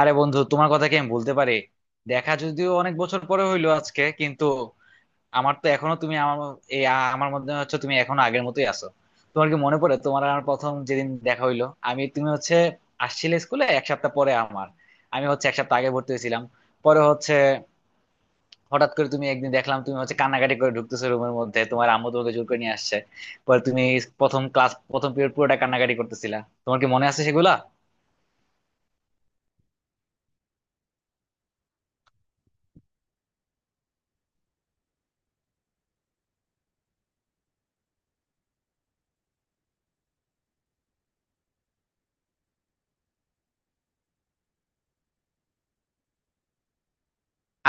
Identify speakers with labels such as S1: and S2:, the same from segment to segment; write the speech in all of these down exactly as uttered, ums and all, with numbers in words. S1: আরে বন্ধু, তোমার কথা কি আমি বলতে পারি। দেখা যদিও অনেক বছর পরে হইলো আজকে, কিন্তু আমার তো এখনো তুমি আমার এই আ- আমার মধ্যে হচ্ছে তুমি এখনো আগের মতোই আছো। তোমার কি মনে পড়ে তোমার আর আমার প্রথম যেদিন দেখা হইলো? আমি তুমি হচ্ছে আসছিলে স্কুলে এক সপ্তাহ পরে আমার। আমি হচ্ছে এক সপ্তাহ আগে ভর্তি হয়েছিলাম। পরে হচ্ছে হঠাৎ করে তুমি একদিন দেখলাম তুমি হচ্ছে কান্নাকাটি করে ঢুকতেছো রুমের মধ্যে, তোমার আম্মু তোমাকে জোর করে নিয়ে আসছে। পরে তুমি প্রথম ক্লাস প্রথম পিরিয়ড পুরোটা কান্নাকাটি করতেছিলা। তোমার কি মনে আছে সেগুলা?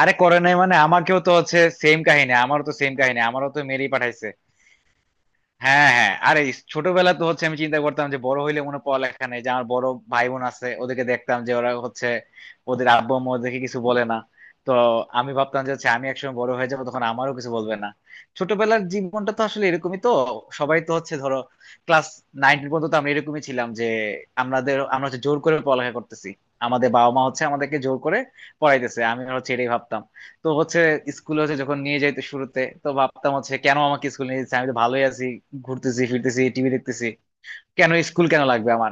S1: আরে, করে নাই মানে? আমাকেও তো হচ্ছে সেম কাহিনী, আমারও তো সেম কাহিনী, আমারও তো মেরি পাঠাইছে। হ্যাঁ হ্যাঁ, আরে ইস- ছোটবেলা তো হচ্ছে আমি চিন্তা করতাম যে বড় হইলে মনে হয় পড়ালেখা নেই, যে আমার বড় ভাই বোন আছে, ওদেরকে দেখতাম যে ওরা হচ্ছে ওদের আব্বু আম্মু ওদেরকে কিছু বলে না। তো আমি ভাবতাম যে হচ্ছে আমি একসময় বড় হয়ে যাবো, তখন আমারও কিছু বলবে না। ছোটবেলার জীবনটা তো আসলে এরকমই তো। সবাই তো হচ্ছে ধরো ক্লাস নাইন পর্যন্ত তো আমরা এরকমই ছিলাম, যে আমাদের আমরা হচ্ছে জোর করে পড়ালেখা করতেছি, আমাদের বাবা মা হচ্ছে আমাদেরকে জোর করে পড়াইতেছে, আমি হচ্ছে এটাই ভাবতাম। তো হচ্ছে স্কুলে হচ্ছে যখন নিয়ে যাইতো, শুরুতে তো ভাবতাম হচ্ছে কেন আমাকে স্কুলে নিয়ে যাচ্ছে, আমি তো ভালোই আছি, ঘুরতেছি ফিরতেছি টিভি দেখতেছি, কেন স্কুল কেন লাগবে আমার?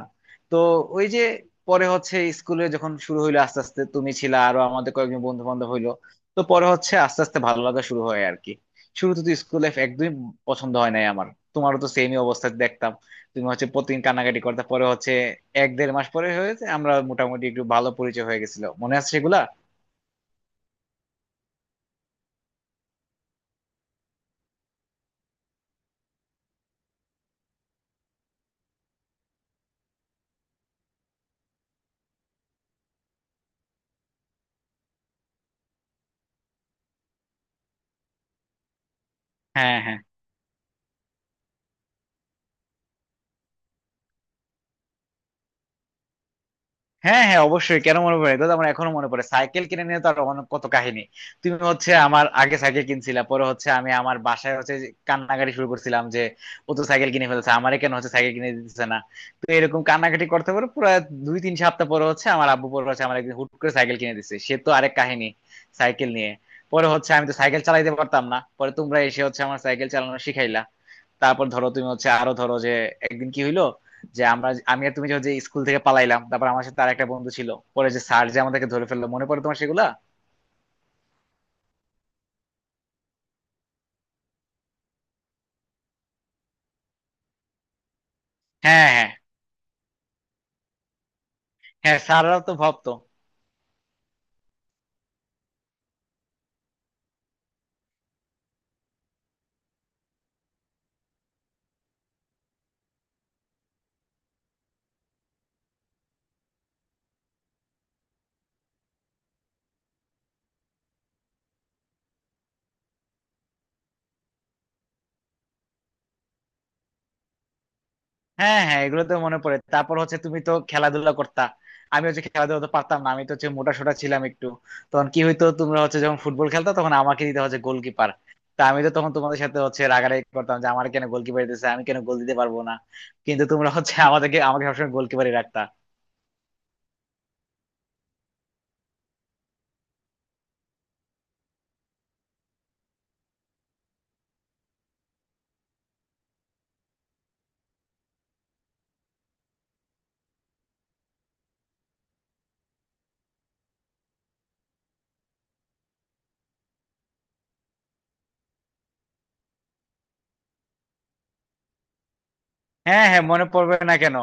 S1: তো ওই যে পরে হচ্ছে স্কুলে যখন শুরু হইলো আস্তে আস্তে, তুমি ছিলা, আরো আমাদের কয়েকজন বন্ধু বান্ধব হইলো। তো পরে হচ্ছে আস্তে আস্তে ভালো লাগা শুরু হয় আর কি। শুরুতে তো স্কুল লাইফ একদমই পছন্দ হয় নাই আমার। তোমারও তো সেমই অবস্থা দেখতাম, তুমি হচ্ছে প্রতিদিন কান্নাকাটি করতে। পরে হচ্ছে এক দেড় মাস পরে হয়েছে আমরা মোটামুটি একটু ভালো পরিচয় হয়ে গেছিল, মনে আছে সেগুলা? হ্যাঁ হ্যাঁ। হ্যাঁ হ্যাঁ, অবশ্যই, কেন মনে পড়ে? এটা তো আমার এখনো মনে পড়ে। সাইকেল কিনে নিয়ে তো আর অনেক কত কাহিনী। তুমি হচ্ছে আমার আগে সাইকেল কিনছিলা, পরে হচ্ছে আমি আমার বাসায় হচ্ছে যে কান্নাকাটি শুরু করছিলাম, যে ও তো সাইকেল কিনে ফেলছে, আমারে কেন হচ্ছে সাইকেল কিনে দিতেছে না। তো এরকম কান্নাকাটি করতে পারে পুরো দুই তিন সপ্তাহ, পরে হচ্ছে আমার আব্বু পরে হচ্ছে আমার একদিন হুট করে সাইকেল কিনে দিচ্ছে, সে তো আরেক কাহিনী। সাইকেল নিয়ে পরে হচ্ছে আমি তো সাইকেল চালাইতে পারতাম না, পরে তোমরা এসে হচ্ছে আমার সাইকেল চালানো শিখাইলা। তারপর ধরো তুমি হচ্ছে আরো ধরো যে একদিন কি হইলো, যে আমরা আমি আর তুমি যে স্কুল থেকে পালাইলাম, তারপর আমার সাথে আর একটা বন্ধু ছিল, পরে যে স্যার যে আমাদেরকে ধরে ফেললো, মনে পড়ে তোমার সেগুলা? হ্যাঁ হ্যাঁ হ্যাঁ, স্যাররাও তো ভাবতো। হ্যাঁ হ্যাঁ, এগুলো তো মনে পড়ে। তারপর হচ্ছে তুমি তো খেলাধুলা করতা, আমি হচ্ছে খেলাধুলা তো পারতাম না, আমি তো হচ্ছে মোটা সোটা ছিলাম একটু। তখন কি হইতো, তোমরা হচ্ছে যখন ফুটবল খেলতা তখন আমাকে দিতে হচ্ছে গোলকিপার। তা আমি তো তখন তোমাদের সাথে হচ্ছে রাগারাগি করতাম যে আমার কেন গোলকিপার দিতেছে, আমি কেন গোল দিতে পারবো না? কিন্তু তোমরা হচ্ছে আমাদেরকে আমাকে সবসময় গোলকিপারই রাখতা। হ্যাঁ হ্যাঁ, মনে পড়বে না কেন?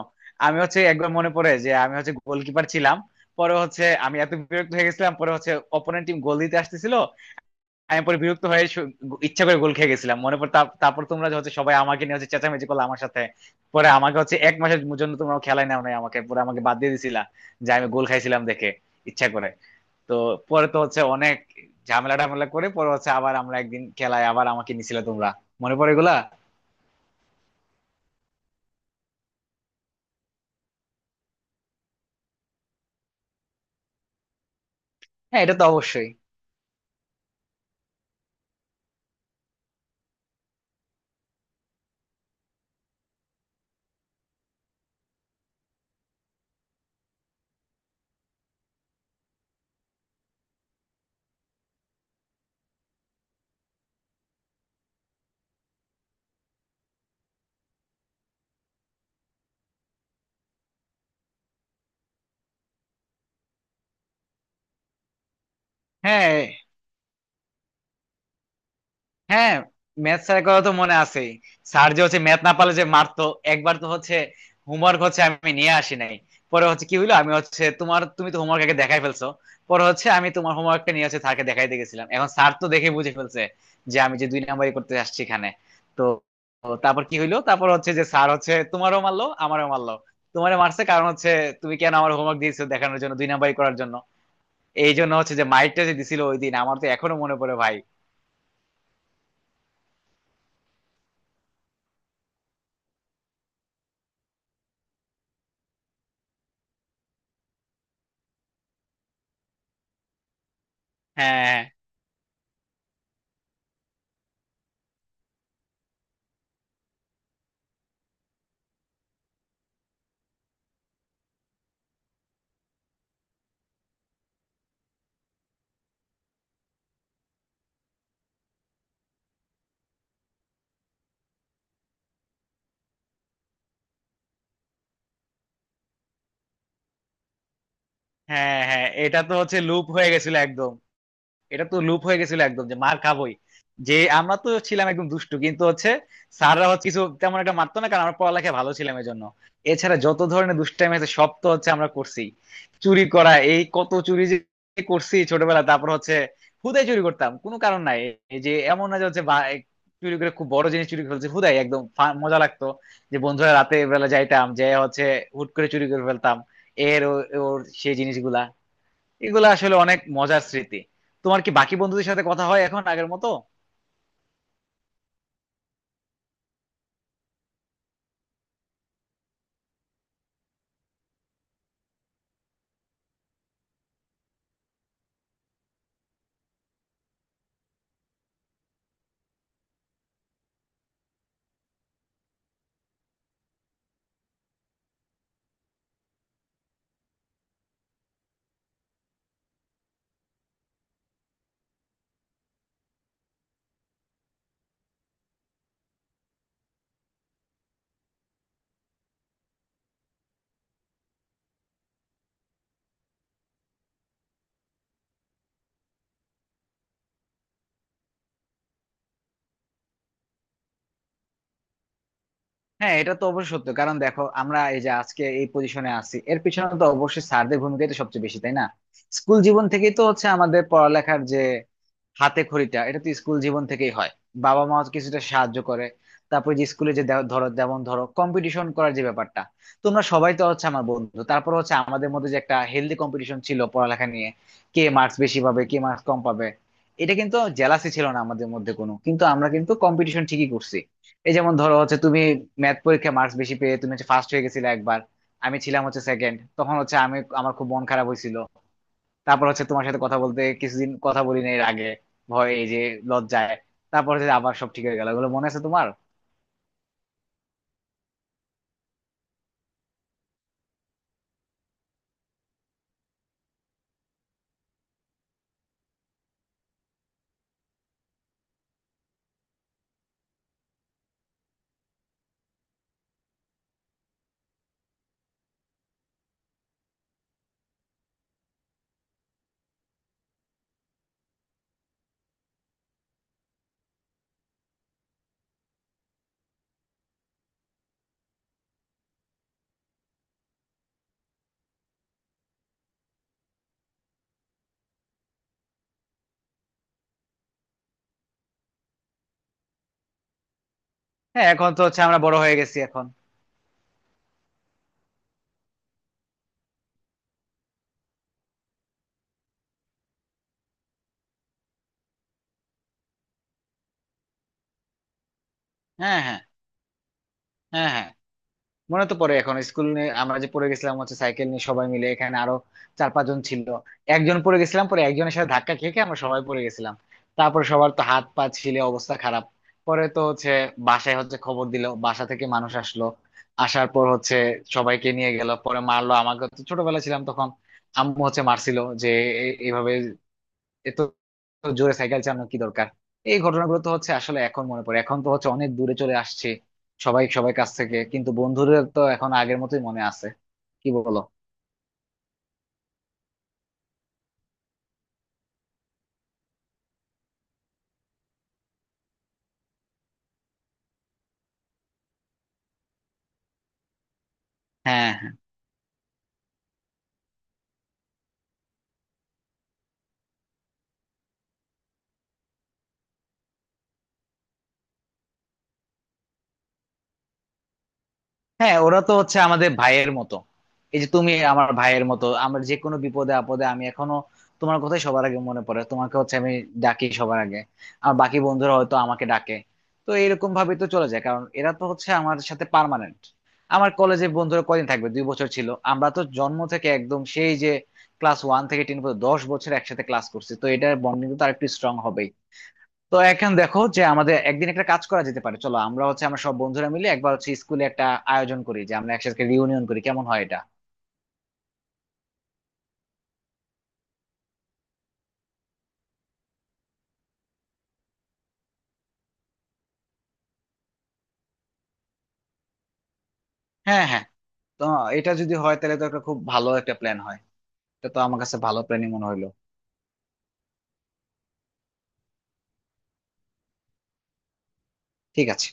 S1: আমি হচ্ছে একবার মনে পড়ে যে আমি হচ্ছে গোলকিপার ছিলাম, পরে হচ্ছে আমি এত বিরক্ত হয়ে গেছিলাম, পরে হচ্ছে অপোনেন্ট টিম গোল দিতে আসতেছিল। আমি পরে বিরক্ত হয়ে শু- ইচ্ছা করে গোল খেয়ে গেছিলাম, মনে পড়ে। তার- তারপর তোমরা যে হচ্ছে সবাই আমাকে নিয়ে হচ্ছে চেঁচামেচি করলো আমার সাথে। পরে আমাকে হচ্ছে এক মাসের জন্য তোমরা খেলায় নাও নাই আমাকে, পরে আমাকে বাদ দিয়ে দিছিলা, যে আমি গোল খাইছিলাম দেখে ইচ্ছা করে। তো পরে তো হচ্ছে অনেক ঝামেলা টামেলা করে পরে হচ্ছে আবার আমরা একদিন খেলায় আবার আমাকে নিছিলে তোমরা, মনে পড়ে এগুলা? হ্যাঁ, এটা তো অবশ্যই। হ্যাঁ হ্যাঁ, ম্যাথ স্যারের কথা তো মনে আছেই। স্যার যে হচ্ছে ম্যাথ না পারলে যে মারতো। একবার তো হচ্ছে হোমওয়ার্ক হচ্ছে আমি নিয়ে আসি নাই। পরে হচ্ছে কি হইলো, আমি হচ্ছে তোমার তুমি তো হোমওয়ার্ক আগে দেখাই ফেলছো। পরে হচ্ছে আমি তোমার হোমওয়ার্কটা নিয়ে হচ্ছে স্যারকে দেখাইতে গেছিলাম, এখন স্যার তো দেখে বুঝে ফেলছে যে আমি যে দুই নাম্বারই করতে আসছি এখানে। তো তো তারপর কি হইলো, তারপর হচ্ছে যে স্যার হচ্ছে তোমারও মারলো আমারও মারলো। তোমারে মারছে কারণ হচ্ছে তুমি কেন আমার হোমওয়ার্ক দিয়েছো দেখানোর জন্য, দুই নাম্বারই করার জন্য। এই জন্য হচ্ছে যে মাইকটা যে দিছিল ওই দিন আমার তো এখনো মনে পড়ে ভাই। হ্যাঁ হ্যাঁ। হ্যাঁ হ্যাঁ, এটা তো হচ্ছে লুপ হয়ে গেছিল একদম। এটা তো লুপ হয়ে গেছিল একদম, যে মার খাবোই। যে আমরা তো ছিলাম একদম দুষ্টু, কিন্তু হচ্ছে স্যাররা হচ্ছে কিছু তেমন একটা মারতো না, কারণ আমরা পড়ালেখা ভালো ছিলাম এই জন্য। এছাড়া যত ধরনের দুষ্টাইম আছে সব তো হচ্ছে আমরা করছি, চুরি করা, এই কত চুরি যে করছি ছোটবেলা। তারপর হচ্ছে হুদাই চুরি করতাম, কোনো কারণ নাই। এই যে এমন না যে হচ্ছে বা- চুরি করে খুব বড় জিনিস চুরি করে ফেলছি, হুদাই একদম ফা- মজা লাগতো। যে বন্ধুরা রাতে বেলা যাইতাম যে হচ্ছে হুট করে চুরি করে ফেলতাম এর ও- ওর সেই জিনিসগুলা। এগুলো আসলে অনেক মজার স্মৃতি। তোমার কি বাকি বন্ধুদের সাথে কথা হয় এখন আগের মতো? হ্যাঁ, এটা তো অবশ্যই সত্য, কারণ দেখো, আমরা এই যে আজকে এই পজিশনে আছি, এর পিছনে তো অবশ্যই স্যারদের ভূমিকাই তো সবচেয়ে বেশি, তাই না? স্কুল জীবন থেকেই তো হচ্ছে আমাদের পড়ালেখার যে হাতে খড়িটা এটা তো স্কুল জীবন থেকেই হয়। বাবা মা কিছুটা সাহায্য করে। তারপরে যে স্কুলে যে দে- ধরো, যেমন ধরো কম্পিটিশন করার যে ব্যাপারটা, তোমরা সবাই তো হচ্ছে আমার বন্ধু, তারপর হচ্ছে আমাদের মধ্যে যে একটা হেলদি কম্পিটিশন ছিল পড়ালেখা নিয়ে, কে মার্কস বেশি পাবে কে মার্কস কম পাবে। এটা কিন্তু জেলাসি ছিল না আমাদের মধ্যে কোনো, কিন্তু আমরা কিন্তু কম্পিটিশন ঠিকই করছি। এই যেমন ধরো হচ্ছে তুমি ম্যাথ পরীক্ষায় মার্কস বেশি পেয়ে তুমি হচ্ছে ফার্স্ট হয়ে গেছিলে একবার, আমি ছিলাম হচ্ছে সেকেন্ড, তখন হচ্ছে আমি, আমার খুব মন খারাপ হয়েছিল। তারপর হচ্ছে তোমার সাথে কথা বলতে, কিছুদিন কথা বলি না এর আগে, ভয়, এই যে লজ্জায়। তারপর হচ্ছে আবার সব ঠিক হয়ে গেল, এগুলো মনে আছে তোমার? হ্যাঁ, এখন তো হচ্ছে আমরা বড় হয়ে গেছি এখন। হ্যাঁ হ্যাঁ। হ্যাঁ হ্যাঁ, মনে তো পড়ে, এখন স্কুল নিয়ে আমরা যে পড়ে গেছিলাম হচ্ছে সাইকেল নিয়ে সবাই মিলে, এখানে আরো চার পাঁচজন ছিল। একজন পড়ে গেছিলাম, পরে একজনের সাথে ধাক্কা খেয়ে খেয়ে আমরা সবাই পড়ে গেছিলাম। তারপর সবার তো হাত পা ছিলে অবস্থা খারাপ। পরে তো হচ্ছে বাসায় হচ্ছে খবর দিল, বাসা থেকে মানুষ আসলো। আসার পর হচ্ছে সবাইকে নিয়ে গেল, পরে মারলো আমাকে, তো ছোটবেলা ছিলাম তখন। আম্মু হচ্ছে মারছিল যে এ- এইভাবে, এ তো তো জোরে সাইকেল চালানোর কি দরকার। এই ঘটনাগুলো তো হচ্ছে আসলে এখন মনে পড়ে, এখন তো হচ্ছে অনেক দূরে চলে আসছে সবাই সবাই কাছ থেকে, কিন্তু বন্ধুদের তো এখন আগের মতোই মনে আছে, কি বলো? হ্যাঁ হ্যাঁ, ওরা তো হচ্ছে আমাদের ভাইয়ের মতো। এই যে তুমি আমার ভাইয়ের মতো, আমার যে কোনো বিপদে আপদে আমি এখনো তোমার কথাই সবার আগে মনে পড়ে, তোমাকে হচ্ছে আমি ডাকি সবার আগে, আর বাকি বন্ধুরা হয়তো আমাকে ডাকে। তো এরকম ভাবে তো চলে যায়, কারণ এরা তো হচ্ছে আমার সাথে পার্মানেন্ট। আমার কলেজে বন্ধুরা কয়দিন থাকবে, দুই বছর ছিল। আমরা তো জন্ম থেকে একদম সেই যে ক্লাস ওয়ান থেকে টেন পর্যন্ত দশ বছর একসাথে ক্লাস করছি, তো এটার বন্ডিং তো আর একটু স্ট্রং হবেই। তো এখন দেখো যে আমাদের একদিন একটা কাজ করা যেতে পারে, চলো আমরা হচ্ছে আমরা সব বন্ধুরা মিলে একবার হচ্ছে স্কুলে একটা আয়োজন করি, যে আমরা একসাথে রিউনিয়ন করি, কেমন হয় এটা? হ্যাঁ হ্যাঁ। তো এটা যদি হয় তাহলে তো একটা খুব ভালো একটা প্ল্যান হয়। এটা তো আমার কাছে ভালো প্ল্যানই মনে হইলো। ঠিক আছে।